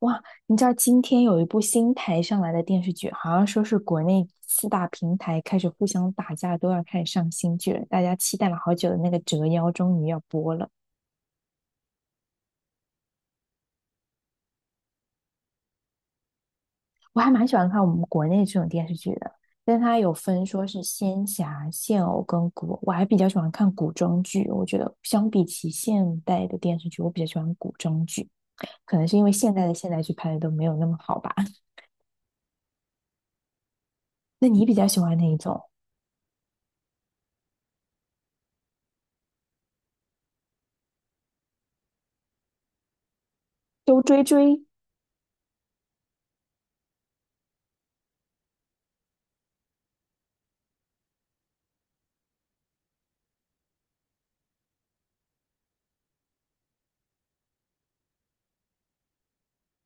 哇，你知道今天有一部新台上来的电视剧，好像说是国内四大平台开始互相打架，都要开始上新剧了。大家期待了好久的那个《折腰》终于要播了。我还蛮喜欢看我们国内这种电视剧的，但它有分说是仙侠、现偶跟古偶，我还比较喜欢看古装剧。我觉得相比起现代的电视剧，我比较喜欢古装剧，可能是因为现代剧拍的都没有那么好吧。那你比较喜欢哪一种？都追追？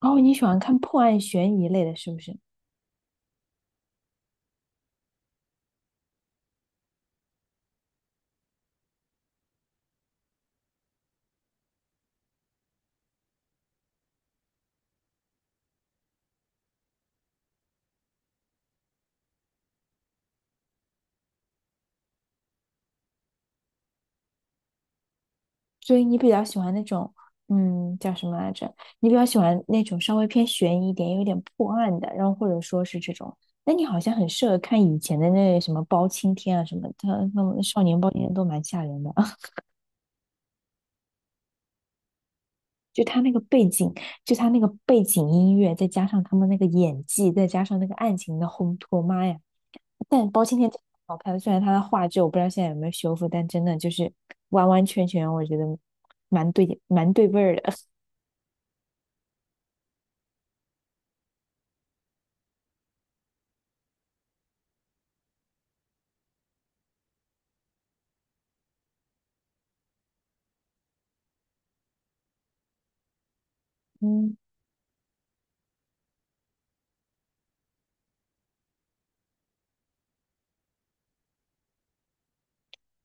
哦，你喜欢看破案悬疑类的，是不是？所以你比较喜欢那种，嗯，叫什么来着？你比较喜欢那种稍微偏悬疑一点，有点破案的，然后或者说是这种。那你好像很适合看以前的那什么包青天啊什么的，他那种少年包青天都蛮吓人的。就他那个背景，就他那个背景音乐，再加上他们那个演技，再加上那个案情的烘托，妈呀！但包青天真的好看，虽然他的画质我不知道现在有没有修复，但真的就是完完全全，我觉得蛮对味儿的。嗯。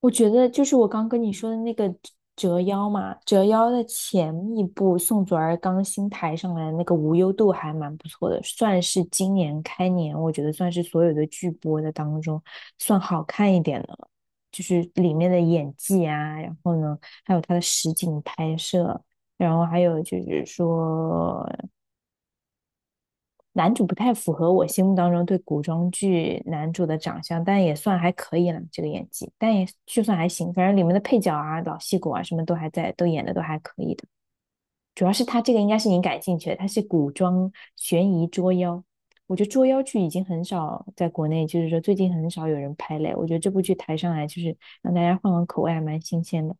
我觉得就是我刚跟你说的那个折腰嘛，折腰的前一部宋祖儿刚新抬上来的那个无忧渡还蛮不错的，算是今年开年，我觉得算是所有的剧播的当中算好看一点的了，就是里面的演技啊，然后呢，还有它的实景拍摄，然后还有就是说男主不太符合我心目当中对古装剧男主的长相，但也算还可以了，这个演技，但也就算还行，反正里面的配角啊、老戏骨啊什么都还在，都演的都还可以的。主要是他这个应该是你感兴趣的，他是古装悬疑捉妖，我觉得捉妖剧已经很少在国内，就是说最近很少有人拍嘞。我觉得这部剧抬上来就是让大家换换口味，还蛮新鲜的。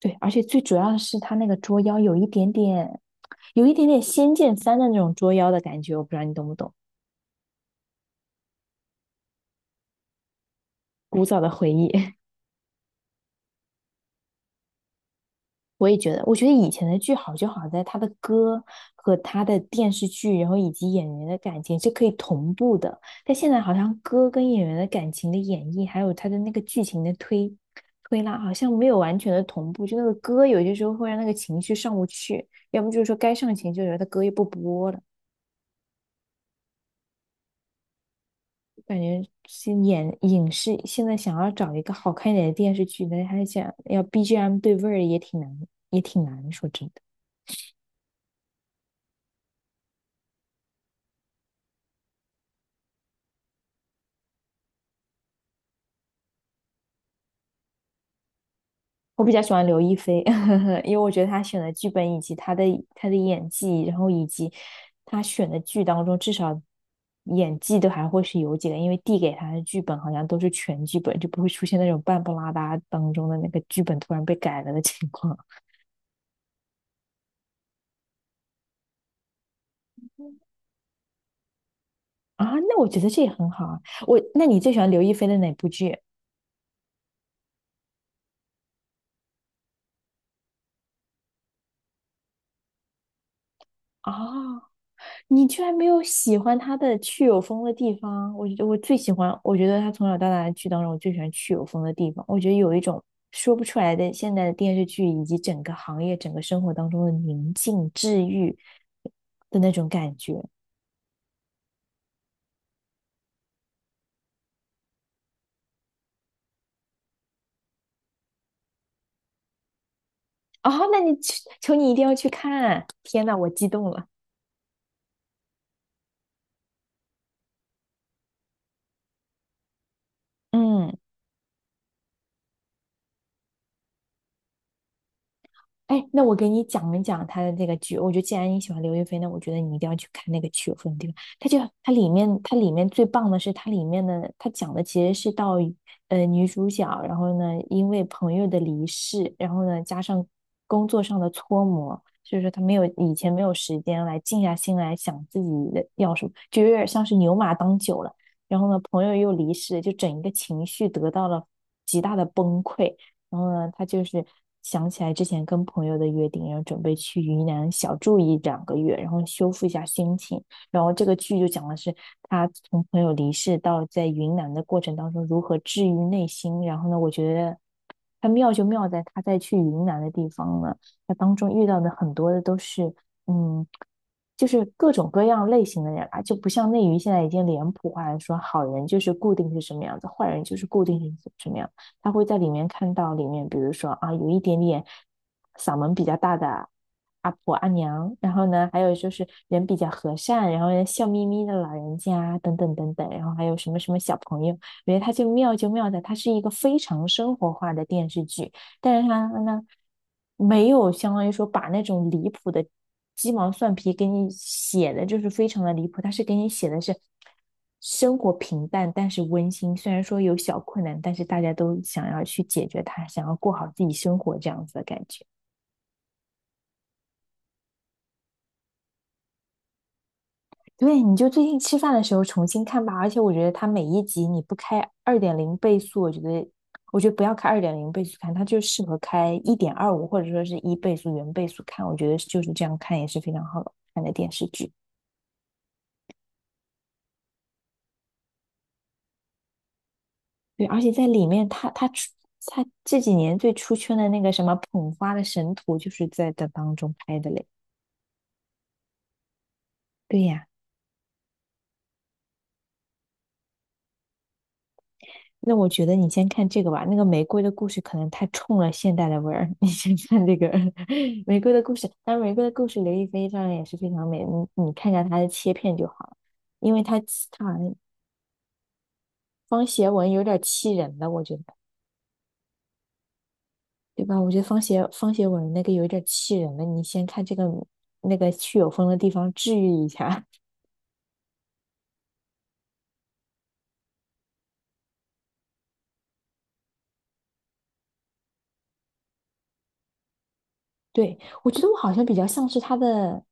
对，而且最主要的是他那个捉妖有一点点，有一点点《仙剑三》的那种捉妖的感觉，我不知道你懂不懂。古早的回忆。我也觉得，我觉得以前的剧好就好在它的歌和它的电视剧，然后以及演员的感情是可以同步的。但现在好像歌跟演员的感情的演绎，还有它的那个剧情的推拉，好像没有完全的同步。就那个歌有些时候会让那个情绪上不去，要不就是说该上情绪的时候，它歌又不播了。感觉是演影视现在想要找一个好看一点的电视剧，但是还想要 BGM 对味儿也挺难，也挺难。说真的。我比较喜欢刘亦菲，因为我觉得她选的剧本以及她的演技，然后以及她选的剧当中，至少演技都还会是有几个，因为递给她的剧本好像都是全剧本，就不会出现那种半不拉搭当中的那个剧本突然被改了的情况。 啊。那我觉得这也很好啊。我，那你最喜欢刘亦菲的哪部剧啊？你居然没有喜欢他的去有风的地方？我觉得我最喜欢，我觉得他从小到大的剧当中，我最喜欢去有风的地方。我觉得有一种说不出来的现在的电视剧以及整个行业、整个生活当中的宁静治愈的那种感觉。哦，那你求你一定要去看啊！天呐，我激动了。嗯。哎，那我给你讲一讲他的这个剧。我觉得既然你喜欢刘亦菲，那我觉得你一定要去看那个《曲有风地》。它就它里面，它里面最棒的是它里面的，它讲的其实是到女主角，然后呢因为朋友的离世，然后呢加上工作上的搓磨，所以说她没有以前没有时间来静下心来想自己的要什么，就有点像是牛马当久了。然后呢，朋友又离世，就整一个情绪得到了极大的崩溃。然后呢，他就是想起来之前跟朋友的约定，然后准备去云南小住一两个月，然后修复一下心情。然后这个剧就讲的是他从朋友离世到在云南的过程当中如何治愈内心。然后呢，我觉得他妙就妙在他在去云南的地方呢，他当中遇到的很多的都是嗯。就是各种各样类型的人啊，就不像内娱现在已经脸谱化了，说好人就是固定是什么样子，坏人就是固定是什么样子。他会在里面看到里面，比如说啊，有一点点嗓门比较大的阿婆阿娘，然后呢，还有就是人比较和善，然后呢笑眯眯的老人家等等等等，然后还有什么什么小朋友，我觉得他就妙就妙在他是一个非常生活化的电视剧。但是他呢，没有相当于说把那种离谱的鸡毛蒜皮给你写的，就是非常的离谱。他是给你写的是生活平淡，但是温馨。虽然说有小困难，但是大家都想要去解决它，想要过好自己生活这样子的感觉。对，你就最近吃饭的时候重新看吧。而且我觉得它每一集你不开二点零倍速，我觉得，我觉得不要开二点零倍速看，它就适合开一点二五或者说是一倍速、原倍速看。我觉得就是这样看也是非常好看的电视剧。对，而且在里面他出它这几年最出圈的那个什么捧花的神图，就是在这当中拍的嘞。对呀。那我觉得你先看这个吧，那个玫瑰的故事可能太冲了现代的味儿。你先看这个 玫瑰的故事，当然玫瑰的故事，刘亦菲当然也是非常美，你看一下她的切片就好了，因为她好像方协文有点气人的，我觉得，对吧？我觉得方协文那个有点气人的，你先看这个那个去有风的地方治愈一下。对，我觉得我好像比较像是她的。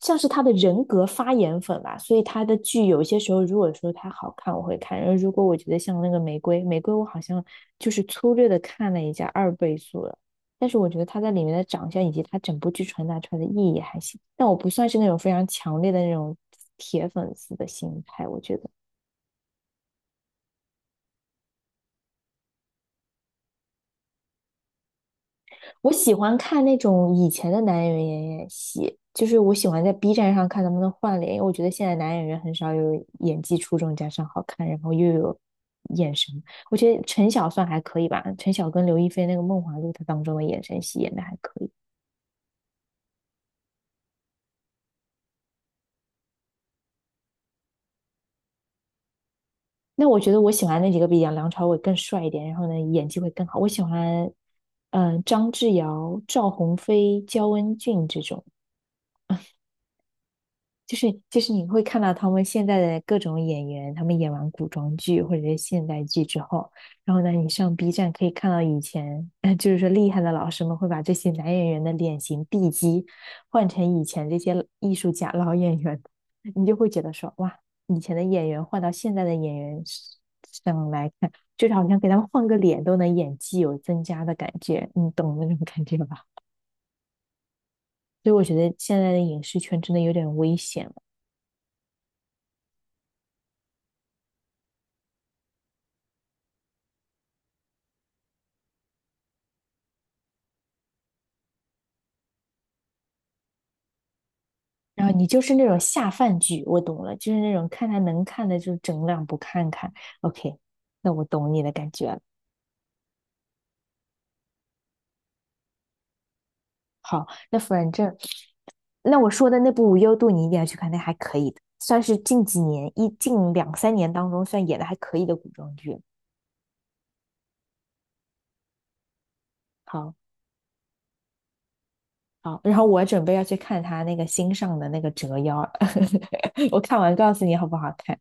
像是他的人格发言粉吧，所以他的剧有些时候，如果说他好看，我会看；然后如果我觉得像那个玫瑰，玫瑰我好像就是粗略的看了一下二倍速了，但是我觉得他在里面的长相以及他整部剧传达出来的意义还行，但我不算是那种非常强烈的那种铁粉丝的心态，我觉得。我喜欢看那种以前的男演员演演戏，就是我喜欢在 B 站上看能不能换脸，因为我觉得现在男演员很少有演技出众加上好看，然后又有眼神。我觉得陈晓算还可以吧，陈晓跟刘亦菲那个《梦华录》他当中的眼神戏演的还可以。那我觉得我喜欢那几个比杨梁朝伟更帅一点，然后呢演技会更好。我喜欢张智尧、赵鸿飞、焦恩俊这种。就是就是你会看到他们现在的各种演员，他们演完古装剧或者是现代剧之后，然后呢，你上 B 站可以看到以前，就是说厉害的老师们会把这些男演员的脸型地基换成以前这些艺术家老演员，你就会觉得说哇，以前的演员换到现在的演员上来看，就是好像给他们换个脸都能演技有增加的感觉，你懂那种感觉吧？所以我觉得现在的影视圈真的有点危险。然后你就是那种下饭剧，我懂了，就是那种看他能看的就整两部看看。OK,那我懂你的感觉了。好，那反正那我说的那部《无忧渡》，你一定要去看，那还可以的，算是近几年一近两三年当中算演的还可以的古装剧。好，好，然后我准备要去看他那个新上的那个《折腰》，我看完告诉你好不好看。